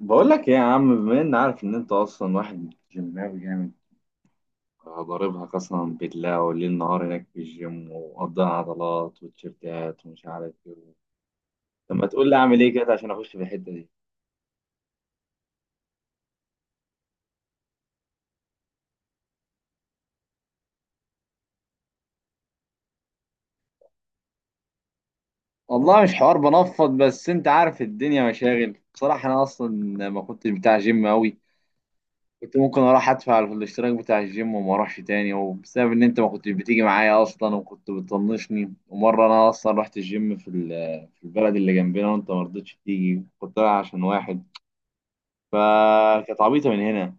بقول لك ايه يا عم؟ بما ان عارف ان انت اصلا واحد جيماوي جامد، ضاربها قسما بالله والليل نهار هناك في الجيم ومقضيها عضلات وتيشيرتات ومش عارف ايه. طب ما تقول لي اعمل ايه كده عشان اخش في الحته دي؟ والله مش حوار بنفض، بس انت عارف الدنيا مشاغل. بصراحة انا اصلا ما كنتش بتاع جيم قوي، كنت ممكن اروح ادفع على الاشتراك بتاع الجيم وما اروحش تاني، وبسبب ان انت ما كنتش بتيجي معايا اصلا وكنت بتطنشني. ومره انا اصلا رحت الجيم في البلد اللي جنبنا وانت ما رضيتش تيجي، كنت رايح عشان واحد، فكانت عبيطه من هنا.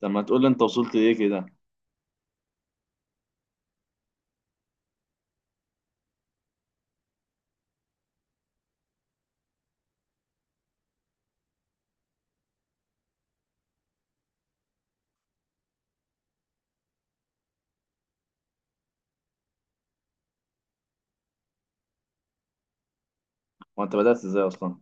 طب ما تقول لي انت وصلت ليه كده؟ وانت بدات ازاي اصلا؟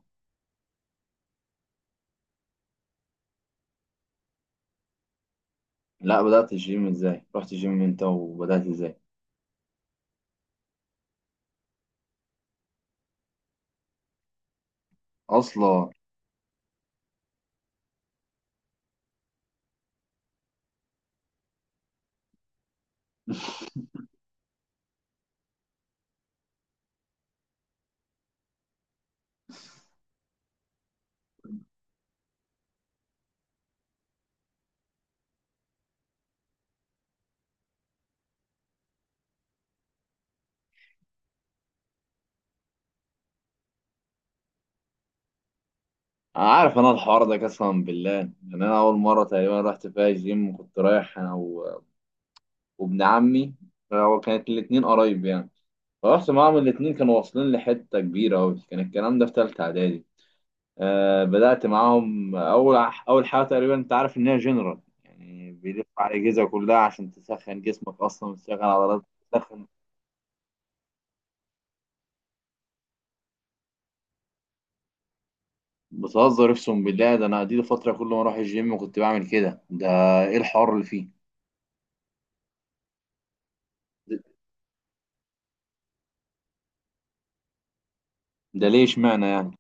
لا، بدات الجيم ازاي؟ رحت الجيم انت وبدات ازاي اصلا؟ انا عارف انا الحوار ده، قسما بالله. يعني انا اول مره تقريبا رحت فيها الجيم كنت رايح انا وابن عمي، هو كانت الاتنين قرايب يعني. فرحت معاهم، الاتنين كانوا واصلين لحتة كبيرة أوي. كان الكلام ده في تالتة إعدادي. آه، بدأت معاهم أول أول حاجة تقريبا. أنت عارف إن هي جنرال، يعني بيلف على الأجهزة كلها عشان تسخن جسمك أصلا وتشغل عضلات، تسخن. بتهزر أقسم بالله، ده أنا دي فترة كل ما أروح الجيم كنت بعمل كده. ده إيه الحوار اللي فيه؟ ده, ده ليه إشمعنى يعني؟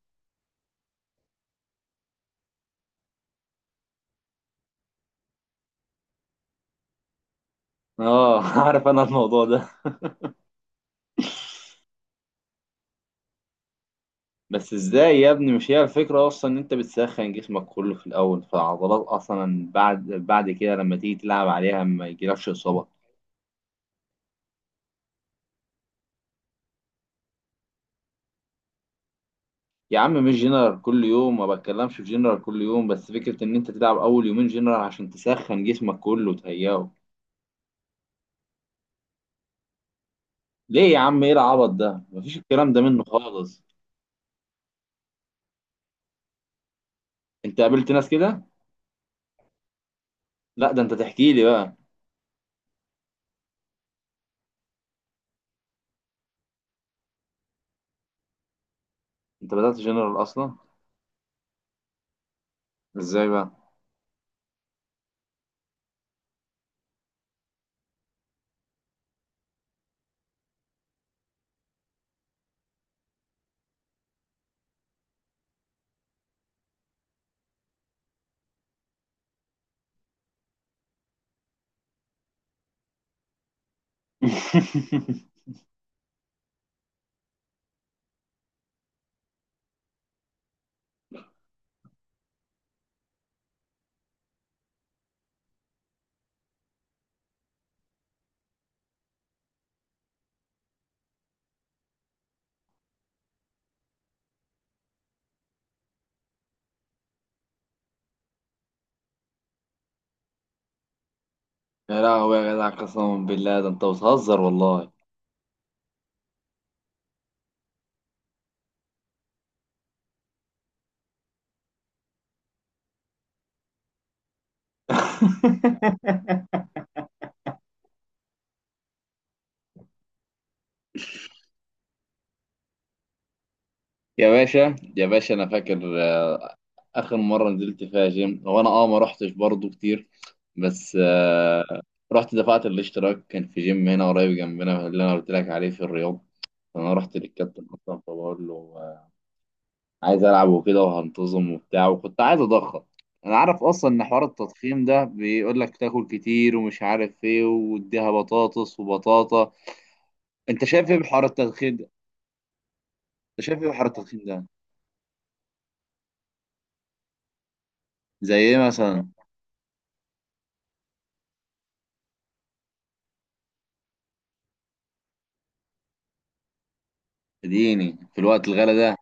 آه عارف أنا الموضوع ده. بس ازاي يا ابني؟ مش هي الفكرة اصلا ان انت بتسخن جسمك كله في الاول، فالعضلات اصلا بعد كده لما تيجي تلعب عليها ما يجيلكش اصابة؟ يا عم، مش جنرال كل يوم، ما بتكلمش في جنرال كل يوم، بس فكرة ان انت تلعب اول يومين جنرال عشان تسخن جسمك كله وتهيئه. ليه يا عم؟ ايه العبط ده؟ مفيش الكلام ده منه خالص. انت قابلت ناس كده؟ لا ده انت تحكي لي بقى. انت بدأت جنرال اصلا؟ ازاي بقى؟ يا لهوي يا جدع، قسما بالله ده انت بتهزر والله. يا باشا يا باشا، انا فاكر آه، اخر مره نزلت فيها جيم. هو انا اه ما رحتش برضه كتير، بس رحت دفعت الاشتراك. كان في جيم هنا قريب جنبنا اللي انا قلت لك عليه في الرياض. فانا رحت للكابتن اصلا فبقول له: عايز العب وكده وهنتظم وبتاع، وكنت عايز اضخم. انا عارف اصلا ان حوار التضخيم ده بيقول لك تاكل كتير ومش عارف ايه واديها بطاطس وبطاطا. انت شايف ايه بحوار التضخيم ده؟ انت شايف ايه بحوار التضخيم ده؟ زي ايه مثلا؟ اديني في الوقت الغلا ده.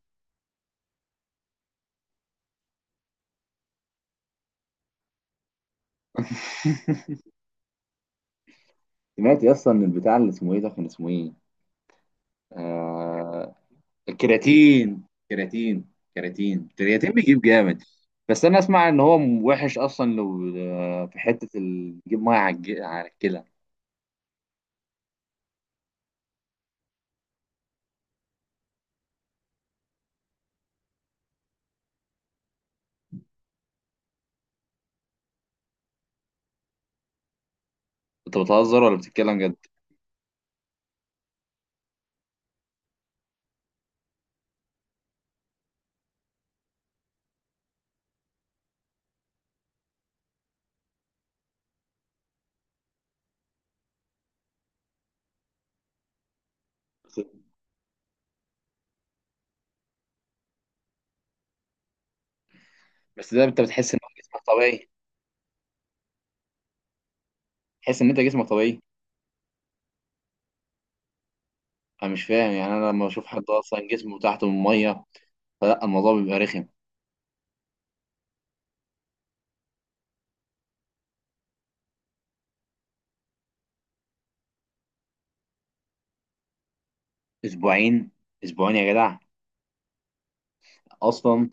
سمعت يا اسطى ان البتاع اللي اسمه ايه ده، كان اسمه ايه؟ آه... الكرياتين. كرياتين، كرياتين، الكرياتين بيجيب جامد. بس انا اسمع ان هو وحش اصلا، لو بيجيب ميه على على الكلى. انت بتهزر ولا بتتكلم جد؟ بس ده انت بتحس ان هو جسمك طبيعي؟ تحس ان انت جسمك طبيعي؟ انا مش فاهم يعني. انا لما اشوف حد اصلا جسمه تحته من الميه، فلا، الموضوع بيبقى رخم. اسبوعين؟ اسبوعين يا جدع اصلا؟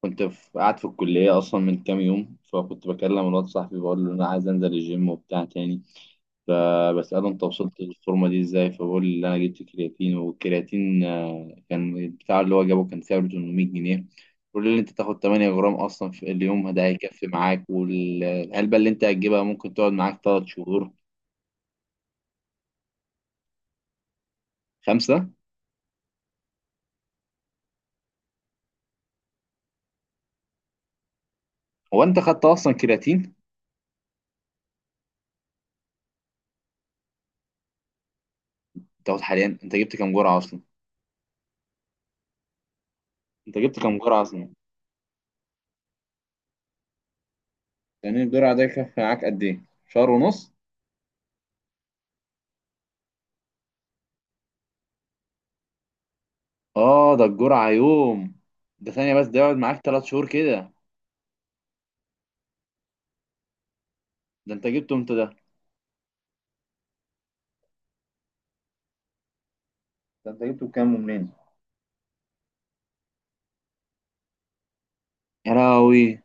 كنت في قاعد في الكلية أصلا من كام يوم، فكنت بكلم الواد صاحبي بقول له: أنا عايز أنزل الجيم وبتاع تاني. فبسأله: أنت وصلت للفورمة دي إزاي؟ فبقول لي إن أنا جبت كرياتين. والكرياتين كان البتاع اللي هو جابه كان سعره 800 جنيه. بيقول لي: أنت تاخد 8 جرام أصلا في اليوم، ده هيكفي معاك، والعلبة اللي أنت هتجيبها ممكن تقعد معاك 3 شهور. خمسة. هو أنت خدت أصلا كرياتين؟ تاخد حاليا؟ أنت جبت كام جرعة أصلا؟ أنت جبت كام جرعة أصلا؟ يعني الجرعة ده يكفي معاك قد إيه؟ شهر ونص؟ اه ده الجرعة يوم. ده ثانية بس، ده يقعد معاك تلات شهور كده. ده انت جبته امتى ده؟ ده انت جبته بكام ومنين؟ يا لهوي.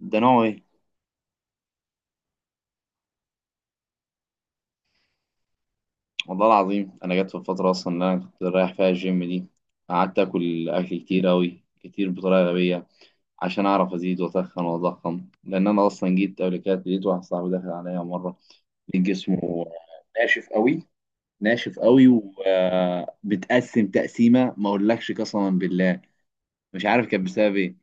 ده نوعه ايه؟ والله العظيم انا جت في الفترة اصلا اللي انا كنت رايح فيها الجيم دي، قعدت اكل كتير اوي كتير بطريقة غبية، عشان اعرف ازيد واتخن واضخم. لان انا اصلا جيت قبل كده لقيت واحد صاحبي داخل عليا مرة، لقيت جسمه ناشف قوي، ناشف قوي، وبتقسم تقسيمة ما اقولكش قسما بالله. مش عارف كانت بسبب ايه.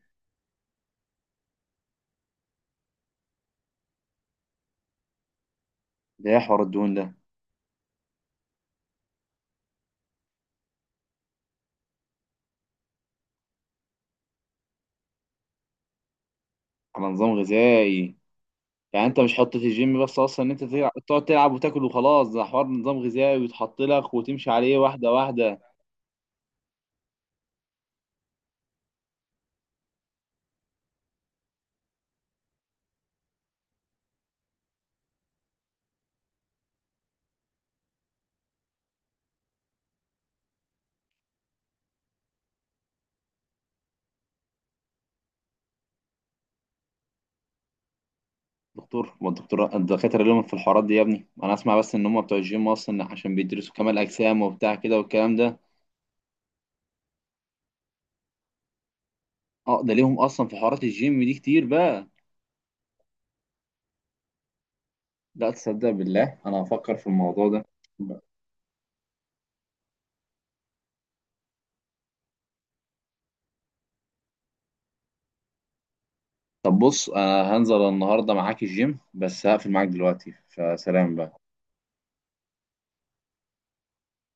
ده ايه حوار الدهون ده؟ على نظام غذائي؟ يعني انت مش حطة الجيم بس اصلا ان انت تقعد تلعب وتاكل وخلاص، ده حوار نظام غذائي ويتحط لك وتمشي عليه واحده واحده. دكتور؟ ما الدكتور الدكاتره لهم في الحوارات دي يا ابني؟ انا اسمع بس ان هم بتوع الجيم اصلا عشان بيدرسوا كمال اجسام وبتاع كده والكلام ده. اه، ده ليهم اصلا في حوارات الجيم دي كتير بقى؟ لا تصدق بالله انا هفكر في الموضوع ده. طب بص، انا هنزل النهارده معاك الجيم، بس هقفل معاك دلوقتي فسلام بقى.